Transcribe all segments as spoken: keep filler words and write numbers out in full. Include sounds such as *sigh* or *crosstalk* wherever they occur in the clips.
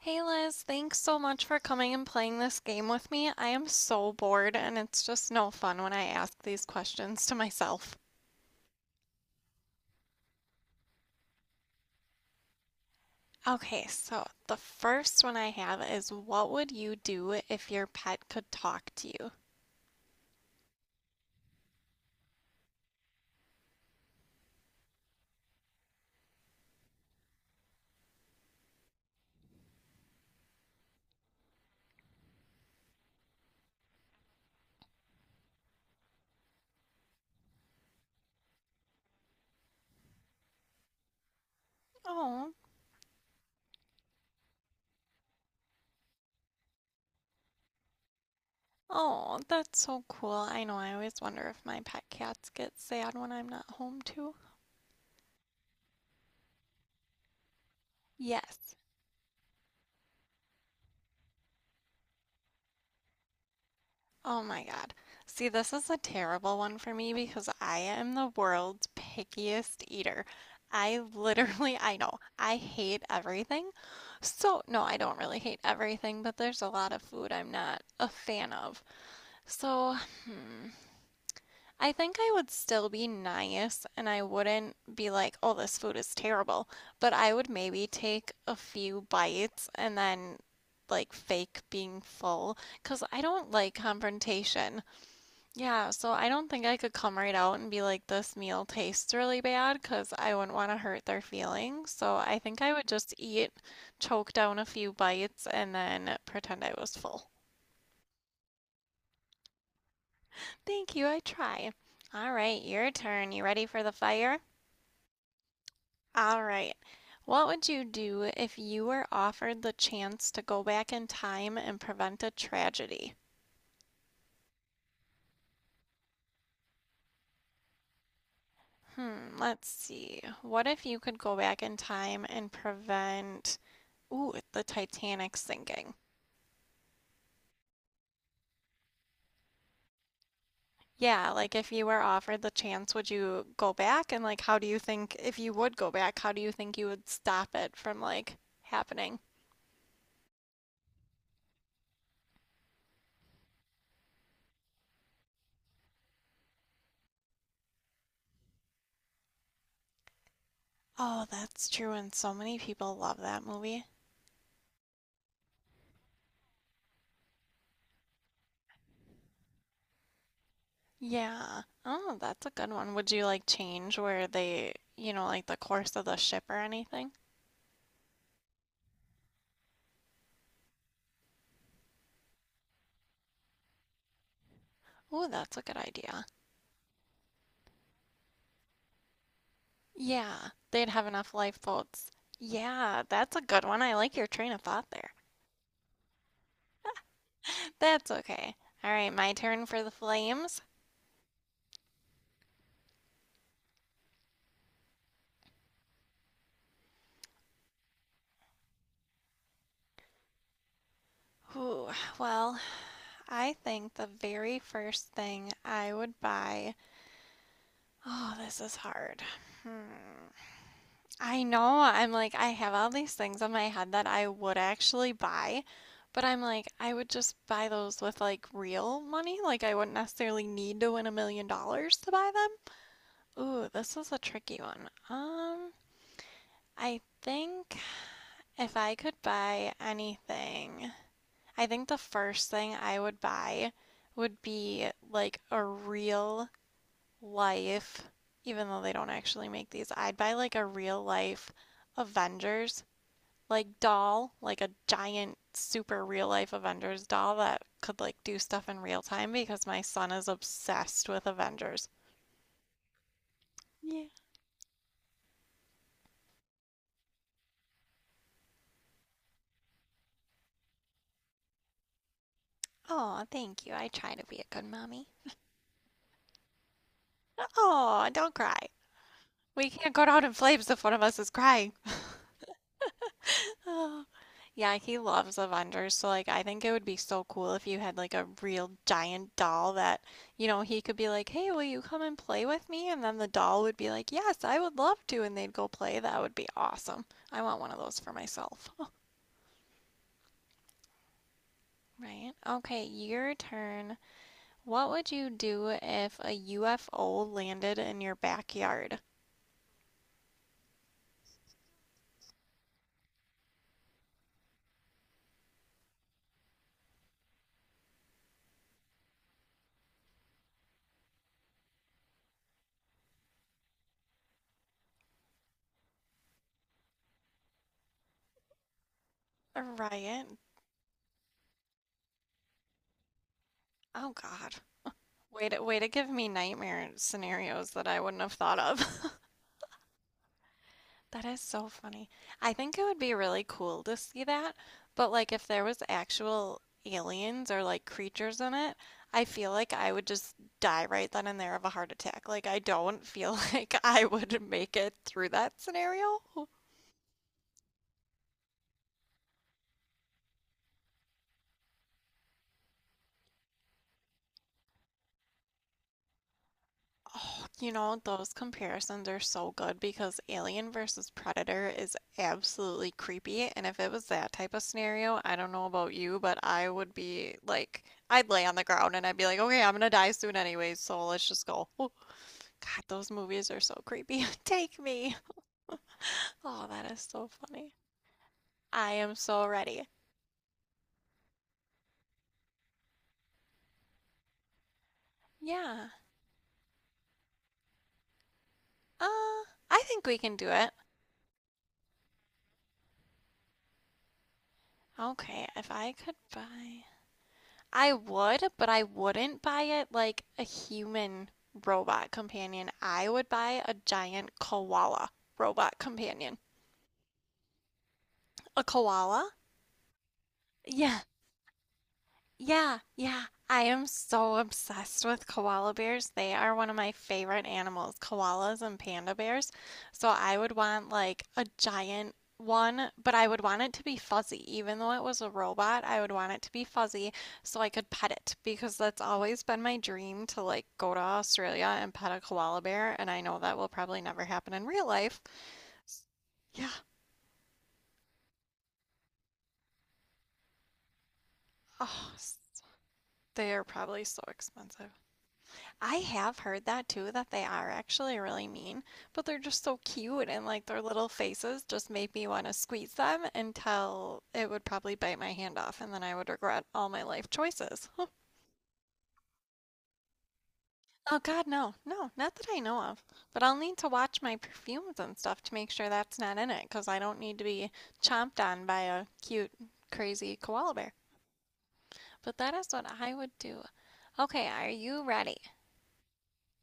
Hey Liz, thanks so much for coming and playing this game with me. I am so bored and it's just no fun when I ask these questions to myself. Okay, so the first one I have is what would you do if your pet could talk to you? Oh, oh, that's so cool. I know I always wonder if my pet cats get sad when I'm not home too. Yes. Oh my God. See, this is a terrible one for me because I am the world's pickiest eater. I literally, *laughs* I know, I hate everything. So, no, I don't really hate everything, but there's a lot of food I'm not a fan of. So, hmm, I think I would still be nice and I wouldn't be like, oh, this food is terrible. But I would maybe take a few bites and then like fake being full because I don't like confrontation. Yeah, so I don't think I could come right out and be like, this meal tastes really bad because I wouldn't want to hurt their feelings. So I think I would just eat, choke down a few bites, and then pretend I was full. Thank you, I try. All right, your turn. You ready for the fire? All right. What would you do if you were offered the chance to go back in time and prevent a tragedy? Hmm, let's see. What if you could go back in time and prevent Ooh, the Titanic sinking. Yeah, like if you were offered the chance, would you go back? And like, how do you think, if you would go back, how do you think you would stop it from like happening? Oh, that's true. And so many people love that movie. Yeah. Oh, that's a good one. Would you like change where they, you know, like the course of the ship or anything? Ooh, that's a good idea. Yeah, they'd have enough lifeboats. Yeah, that's a good one. I like your train of thought there. That's okay. All right, my turn for the flames. Ooh, well, I think the very first thing I would buy. Oh, this is hard. Hmm. I know I'm like, I have all these things in my head that I would actually buy, but I'm like, I would just buy those with like real money. Like, I wouldn't necessarily need to win a million dollars to buy them. Ooh, this is a tricky one. Um, I think if I could buy anything. I think the first thing I would buy would be like a real life, even though they don't actually make these, I'd buy like a real life Avengers like doll, like a giant super real life Avengers doll that could like do stuff in real time because my son is obsessed with Avengers. Yeah. Oh, thank you. I try to be a good mommy. Oh, don't cry. We can't go down in flames if one of us is crying. Oh, yeah, he loves Avengers, so like I think it would be so cool if you had like a real giant doll that, you know, he could be like, "Hey, will you come and play with me?" And then the doll would be like, "Yes, I would love to." And they'd go play. That would be awesome. I want one of those for myself. *laughs* Right. Okay, your turn. What would you do if a U F O landed in your backyard? Right. Oh God. Way to way to give me nightmare scenarios that I wouldn't have thought of. That is so funny. I think it would be really cool to see that, but like if there was actual aliens or like creatures in it, I feel like I would just die right then and there of a heart attack. Like I don't feel *laughs* like I would make it through that scenario. You know, those comparisons are so good because Alien versus Predator is absolutely creepy. And if it was that type of scenario, I don't know about you, but I would be like, I'd lay on the ground and I'd be like, okay, I'm gonna die soon anyways, so let's just go. Oh, God, those movies are so creepy. *laughs* Take me. Oh, that is so funny. I am so ready. Yeah. Uh, I think we can do it. Okay, if I could buy. I would, but I wouldn't buy it like a human robot companion. I would buy a giant koala robot companion. A koala? Yeah. Yeah, yeah. I am so obsessed with koala bears. They are one of my favorite animals, koalas and panda bears. So I would want like a giant one, but I would want it to be fuzzy. Even though it was a robot, I would want it to be fuzzy so I could pet it because that's always been my dream to like go to Australia and pet a koala bear. And I know that will probably never happen in real life. S- Yeah. Oh, s- they are probably so expensive. I have heard that too, that they are actually really mean, but they're just so cute and like their little faces just made me want to squeeze them until it would probably bite my hand off and then I would regret all my life choices. *laughs* Oh God, no, no, not that I know of. But I'll need to watch my perfumes and stuff to make sure that's not in it because I don't need to be chomped on by a cute, crazy koala bear. But that is what I would do. Okay, are you ready?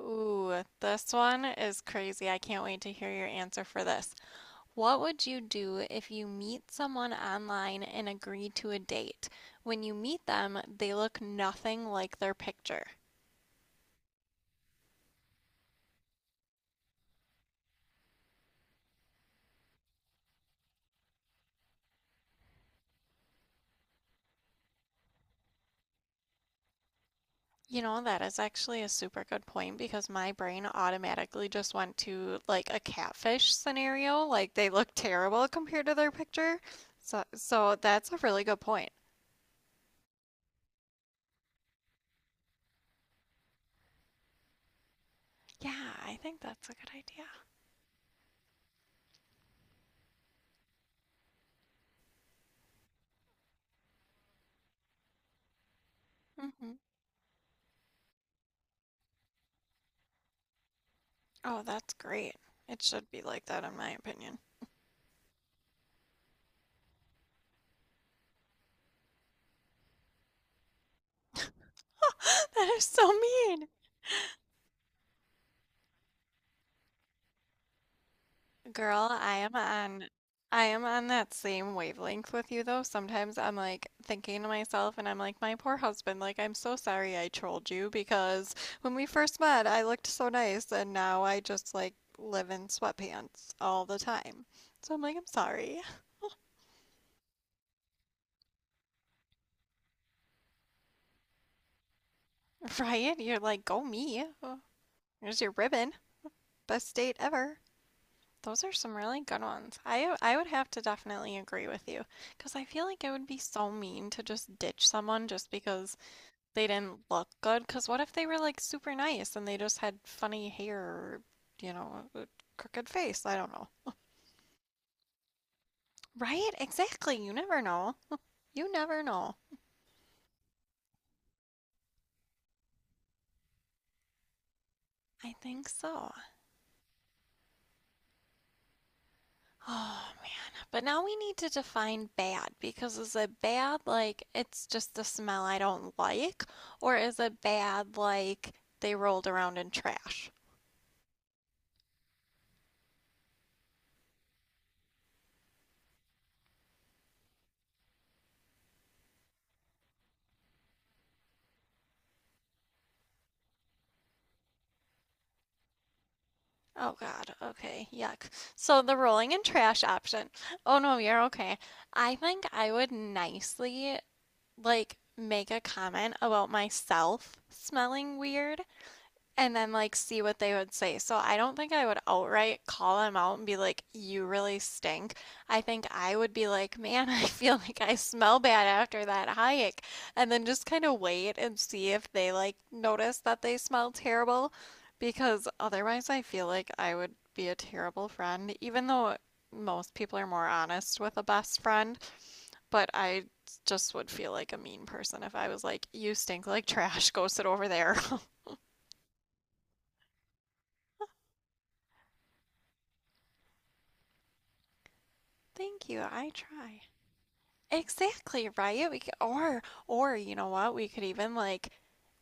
Ooh, this one is crazy. I can't wait to hear your answer for this. What would you do if you meet someone online and agree to a date? When you meet them, they look nothing like their picture. You know, that is actually a super good point because my brain automatically just went to like a catfish scenario, like they look terrible compared to their picture. So so that's a really good point. Yeah, I think that's a good idea. Hmm. Oh, that's great. It should be like that in my opinion. *gasps* *laughs* That is so mean. Girl, I am on I am on that same wavelength with you though. Sometimes I'm like thinking to myself and I'm like, my poor husband, like I'm so sorry I trolled you because when we first met, I looked so nice and now I just like live in sweatpants all the time. So I'm like, I'm sorry. *laughs* Ryan, you're like, go me. Oh, here's your ribbon. Best date ever. Those are some really good ones. I I would have to definitely agree with you because I feel like it would be so mean to just ditch someone just because they didn't look good because what if they were like super nice and they just had funny hair or, you know, a crooked face. I don't know. Right, exactly. You never know. You never know. I think so. Oh man, but now we need to define bad because is it bad like it's just a smell I don't like, or is it bad like they rolled around in trash. Oh God. Okay. Yuck. So the rolling in trash option. Oh no, you're okay. I think I would nicely like make a comment about myself smelling weird and then like see what they would say. So I don't think I would outright call them out and be like, "You really stink." I think I would be like, "Man, *laughs* I feel like I smell bad after that hike." And then just kind of wait and see if they like notice that they smell terrible because otherwise I feel like I would be a terrible friend even though most people are more honest with a best friend, but I just would feel like a mean person if I was like, "You stink like trash. Go sit over there." *laughs* Thank you. I try. Exactly, right? We could, or or you know what? We could even like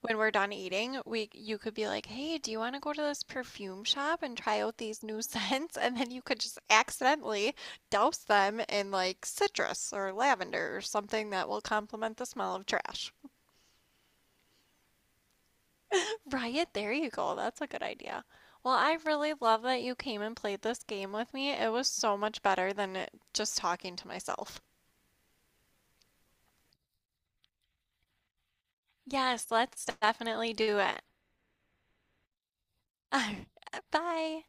when we're done eating, we you could be like, "Hey, do you want to go to this perfume shop and try out these new *laughs* scents?" And then you could just accidentally douse them in like citrus or lavender or something that will complement the smell of trash. *laughs* Right, there you go. That's a good idea. Well, I really love that you came and played this game with me. It was so much better than it- just talking to myself. Yes, let's definitely do it. *laughs* Bye.